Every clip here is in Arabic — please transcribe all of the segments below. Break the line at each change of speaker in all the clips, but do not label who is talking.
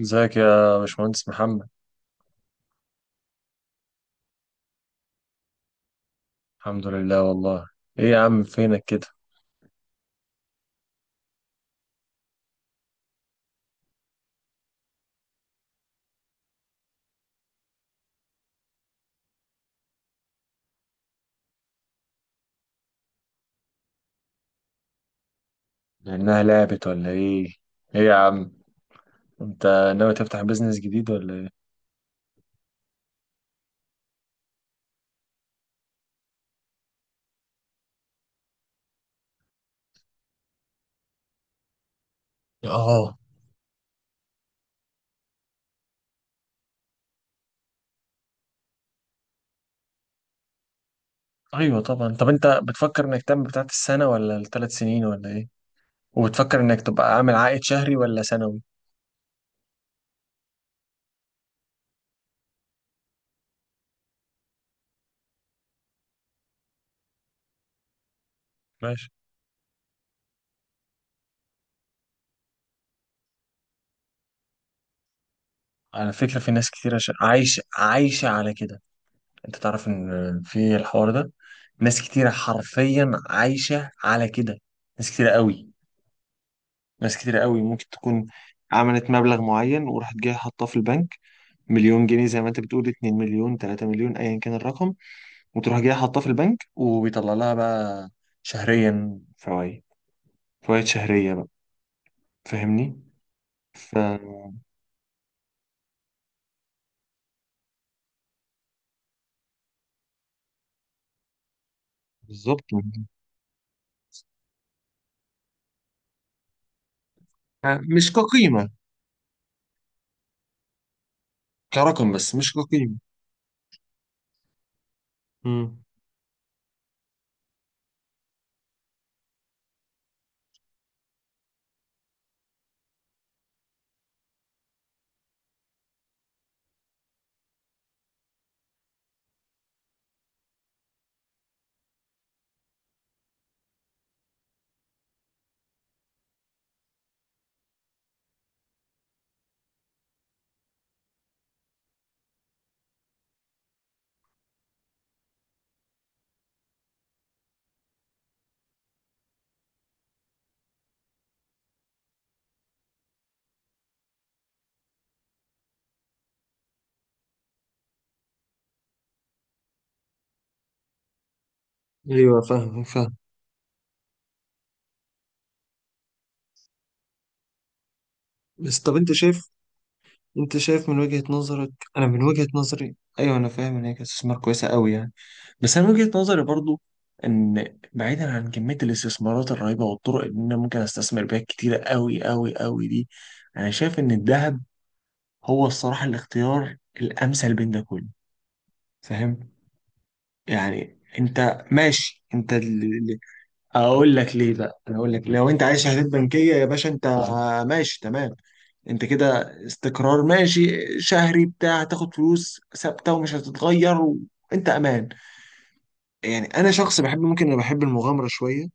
ازيك يا باشمهندس محمد؟ الحمد لله والله. ايه يا عم فينك كده؟ لانها لعبت ولا ايه؟ ايه يا عم انت ناوي تفتح بيزنس جديد ولا ايه؟ اه ايوه طبعا. طب انت بتفكر انك تعمل بتاعت السنه ولا الثلاث سنين ولا ايه؟ وبتفكر انك تبقى عامل عائد شهري ولا سنوي؟ ماشي. على فكره، في ناس كتيره عايشه عايشه على كده. انت تعرف ان في الحوار ده ناس كتيره حرفيا عايشه على كده. ناس كتيره قوي، ناس كتير قوي، ممكن تكون عملت مبلغ معين وراحت جايه حاطاه في البنك، مليون جنيه زي ما انت بتقول، 2 مليون 3 مليون، ايا كان الرقم، وتروح جايه حاطاه في البنك وبيطلع لها بقى شهريا فوائد. فوائد شهرية بقى. فاهمني؟ فبالظبط. مش كقيمة، كرقم بس، مش كقيمة. مم. ايوه فاهم فاهم. بس طب انت شايف، انت شايف من وجهة نظرك، انا من وجهة نظري ايوه انا فاهم ان هي كانت استثمار كويسة قوي يعني. بس انا وجهة نظري برضو ان بعيدا عن كمية الاستثمارات الرهيبة والطرق اللي انا ممكن استثمر بيها كتيرة قوي قوي قوي دي، انا شايف ان الذهب هو الصراحة الاختيار الامثل بين ده كله. فاهم؟ يعني انت ماشي. انت اقول لك ليه بقى. انا اقول لك، لو انت عايز شهادات بنكية يا باشا، انت ماشي تمام. انت كده استقرار، ماشي شهري بتاع، تاخد فلوس ثابتة ومش هتتغير، وانت امان. يعني انا شخص بحب، ممكن انا بحب المغامرة شوية.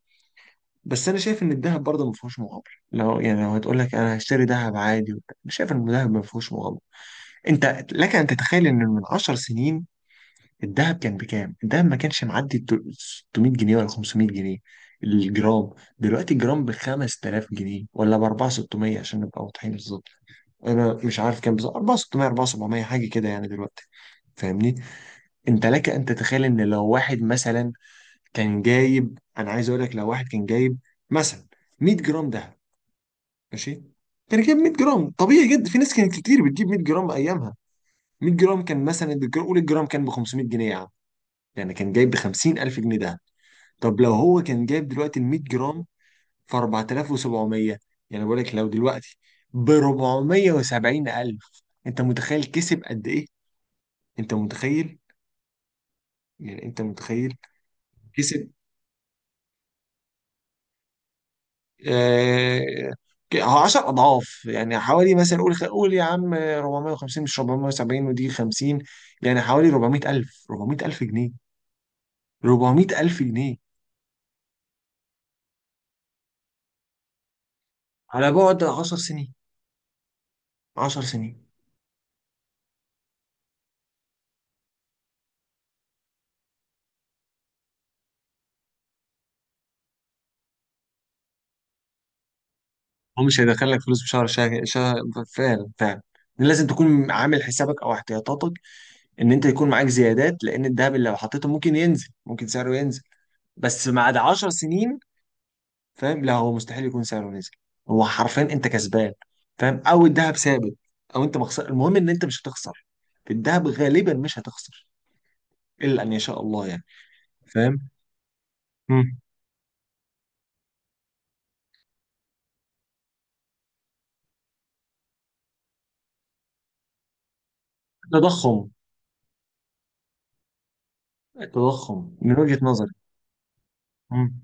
بس انا شايف ان الذهب برضه ما فيهوش مغامره. لو يعني لو هتقول لك انا هشتري ذهب عادي وبتاع، انا شايف ان الذهب ما فيهوش مغامره. انت لك ان تتخيل ان من 10 سنين الذهب كان بكام؟ الذهب ما كانش معدي 600 جنيه ولا 500 جنيه الجرام. دلوقتي الجرام ب 5000 جنيه، ولا ب 4600 عشان نبقى واضحين بالظبط. انا مش عارف كام بالظبط، 4600 4700 حاجه كده يعني دلوقتي. فاهمني؟ انت لك ان تتخيل ان لو واحد مثلا كان جايب، انا عايز اقول لك، لو واحد كان جايب مثلا 100 جرام دهب، ماشي، كان جايب 100 جرام طبيعي جدا. في ناس كانت كتير بتجيب 100 جرام ايامها. 100 جرام كان مثلا الجرام، قول الجرام كان ب 500 جنيه يا عم، يعني كان جايب ب 50000 جنيه ده. طب لو هو كان جايب دلوقتي ال 100 جرام في 4700، يعني بقول لك لو دلوقتي ب 470000، انت متخيل كسب قد ايه؟ انت متخيل؟ يعني انت متخيل كسب. آه، هو 10 اضعاف. يعني حوالي مثلا، قول قول يا عم 450 مش 470 ودي 50، يعني حوالي 400000 جنيه، 400000 جنيه، على بعد 10 سنين. 10 سنين. هو مش هيدخل لك فلوس في شهر شهر شهر. فعلا فعلا. لازم تكون عامل حسابك او احتياطاتك ان انت يكون معاك زيادات، لان الذهب اللي لو حطيته ممكن ينزل، ممكن سعره ينزل. بس بعد 10 سنين فاهم، لا، هو مستحيل يكون سعره نزل. هو حرفيا انت كسبان، فاهم، او الذهب ثابت، او انت مخسر. المهم ان انت مش هتخسر. في الذهب غالبا مش هتخسر الا ان يشاء الله يعني. فاهم. مم. التضخم. التضخم من وجهة نظري. مم.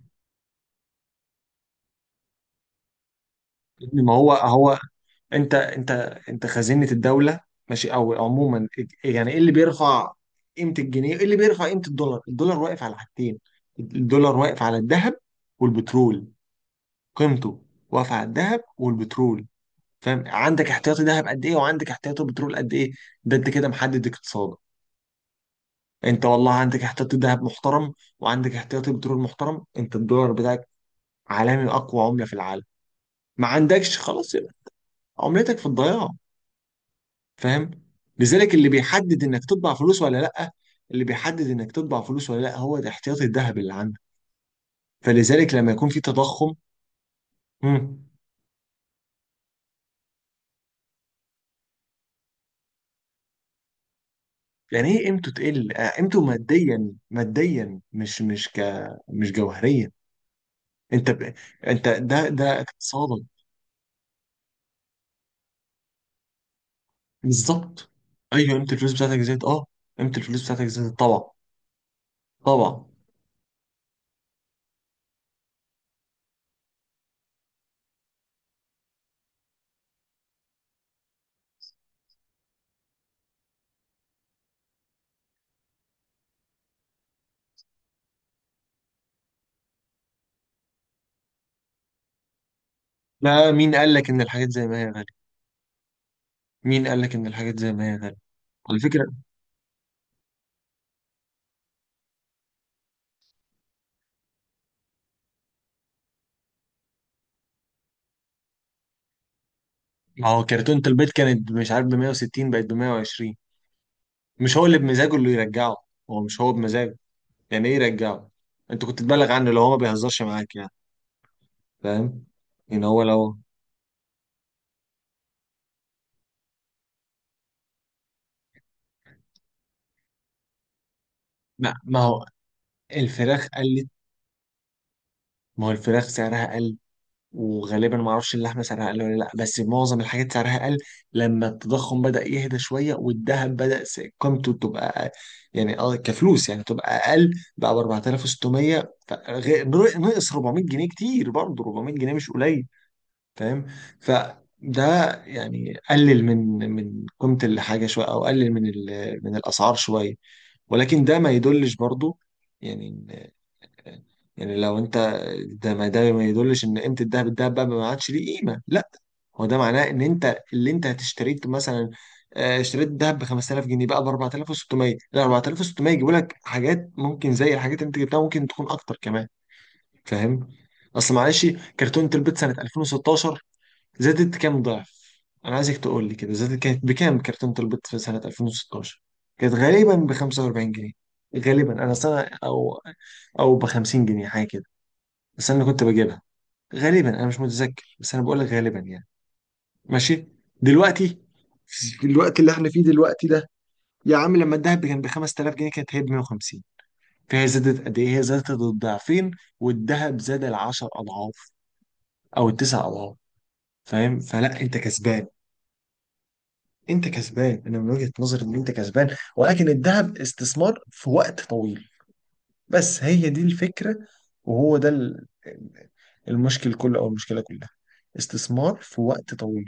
إن ما هو هو. انت، انت خزينة الدولة، ماشي، او عموما. يعني ايه اللي بيرفع قيمة الجنيه؟ ايه اللي بيرفع قيمة الدولار؟ الدولار واقف على حاجتين. الدولار واقف على الذهب والبترول. قيمته واقفة على الذهب والبترول. فاهم؟ عندك احتياطي ذهب قد ايه وعندك احتياطي بترول قد ايه، ده انت كده محدد اقتصادك. انت والله عندك احتياطي ذهب محترم وعندك احتياطي بترول محترم، انت الدولار بتاعك عالمي، اقوى عملة في العالم. ما عندكش، خلاص، يبقى عملتك في الضياع. فاهم. لذلك اللي بيحدد انك تطبع فلوس ولا لا، اللي بيحدد انك تطبع فلوس ولا لا، هو ده احتياطي الذهب اللي عندك. فلذلك لما يكون في تضخم. مم. يعني ايه قيمته تقل؟ قيمته ماديا، ماديا، مش مش ك مش جوهريا. انت ب... انت، ده اقتصادك. بالظبط. ايوه قيمه الفلوس بتاعتك زادت، اه، قيمه الفلوس بتاعتك زادت طبعا. طبعا. لا، مين قال لك ان الحاجات زي ما هي غاليه؟ مين قال لك ان الحاجات زي ما هي غاليه؟ على فكره، ما هو كرتونه البيض كانت مش عارف ب 160 بقت ب 120. مش هو اللي بمزاجه اللي يرجعه. هو مش هو بمزاجه. يعني ايه يرجعه؟ انت كنت تبلغ عنه لو هو ما بيهزرش معاك يعني. فاهم ان هو لو، ما هو الفراخ قلت. ما هو الفراخ سعرها قل. وغالبا ما اعرفش اللحمه سعرها اقل ولا لا، بس معظم الحاجات سعرها اقل. لما التضخم بدا يهدى شويه والذهب قيمته تبقى يعني اه كفلوس يعني تبقى اقل، بقى ب 4600. نقص 400 جنيه. كتير برضه، 400 جنيه مش قليل. فاهم. فده يعني قلل من قيمه الحاجه شويه، او قلل من من الاسعار شويه. ولكن ده ما يدلش برضه. يعني، يعني لو انت، ده ما يدلش ان قيمه الذهب، الذهب بقى ما عادش ليه قيمه، لا. هو ده معناه ان انت اللي انت هتشتريه مثلا، اشتريت الذهب ب 5000 جنيه بقى ب 4600. لا، 4600 يجيبوا لك حاجات ممكن زي الحاجات اللي انت جبتها، ممكن تكون اكتر كمان. فاهم. اصل معلش، كرتونه البيض سنه 2016 زادت كام ضعف؟ انا عايزك تقول لي كده، زادت كانت بكام كرتونه البيض في سنه 2016؟ كانت غالبا ب 45 جنيه. غالبا، انا سنه، او او ب 50 جنيه حاجه كده. بس انا اللي كنت بجيبها. غالبا، انا مش متذكر بس انا بقول لك غالبا يعني. ماشي. دلوقتي، في الوقت اللي احنا فيه دلوقتي ده، يا عم لما الذهب كان ب 5000 جنيه كانت هي ب 150. فهي زادت قد ايه؟ هي زادت الضعفين، والذهب زاد العشر اضعاف او التسع اضعاف. فاهم؟ فلا انت كسبان. انت كسبان. انا من وجهة نظري ان انت كسبان، ولكن الذهب استثمار في وقت طويل. بس هي دي الفكرة. وهو ده المشكل كله، او المشكلة كلها. استثمار في وقت طويل.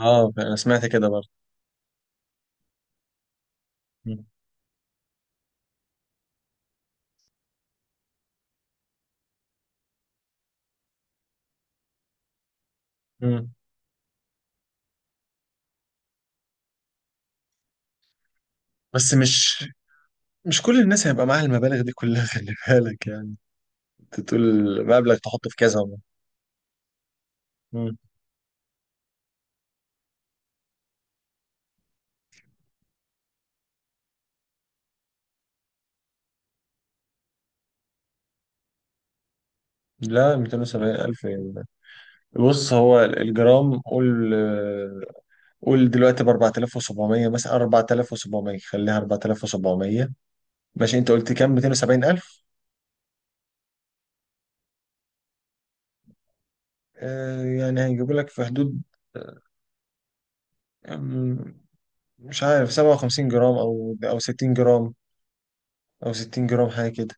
اه انا سمعت كده برضه. مم. مم. بس مش مش كل الناس هيبقى معاها المبالغ دي كلها خلي بالك يعني. انت تقول مبلغ تحطه في كذا مرة. مم. لا 270 ألف يعني. بص هو الجرام، قول قول دلوقتي ب 4700 مثلا، 4700، خليها 4700. ماشي، انت قلت كام؟ 270 ألف. آه يعني هيجيبوا لك في حدود، آه، مش عارف 57 جرام او او 60 جرام، او 60 جرام حاجه كده.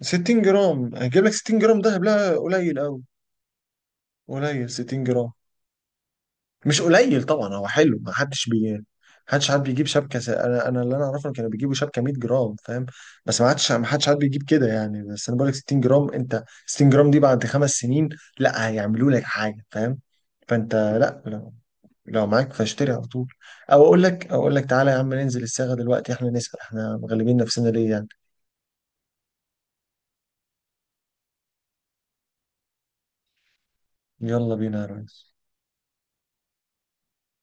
60 جرام هجيب لك 60 جرام دهب؟ لا قليل قوي. قليل 60 جرام. مش قليل طبعا، هو حلو، ما حدش حدش حد بيجيب شبكه انا انا اللي انا اعرفه إن كانوا بيجيبوا شبكه 100 جرام. فاهم. بس ما حدش، ما حدش حد بيجيب كده يعني. بس انا بقول لك 60 جرام، انت 60 جرام دي بعد خمس سنين لا هيعملوا لك حاجه. فاهم. فانت لا لو، لو معاك فاشتري على طول. او اقول لك، او اقول لك تعالى يا عم ننزل الصاغه دلوقتي، احنا نسال؟ احنا مغلبين نفسنا ليه يعني. يلا بينا يا ريس.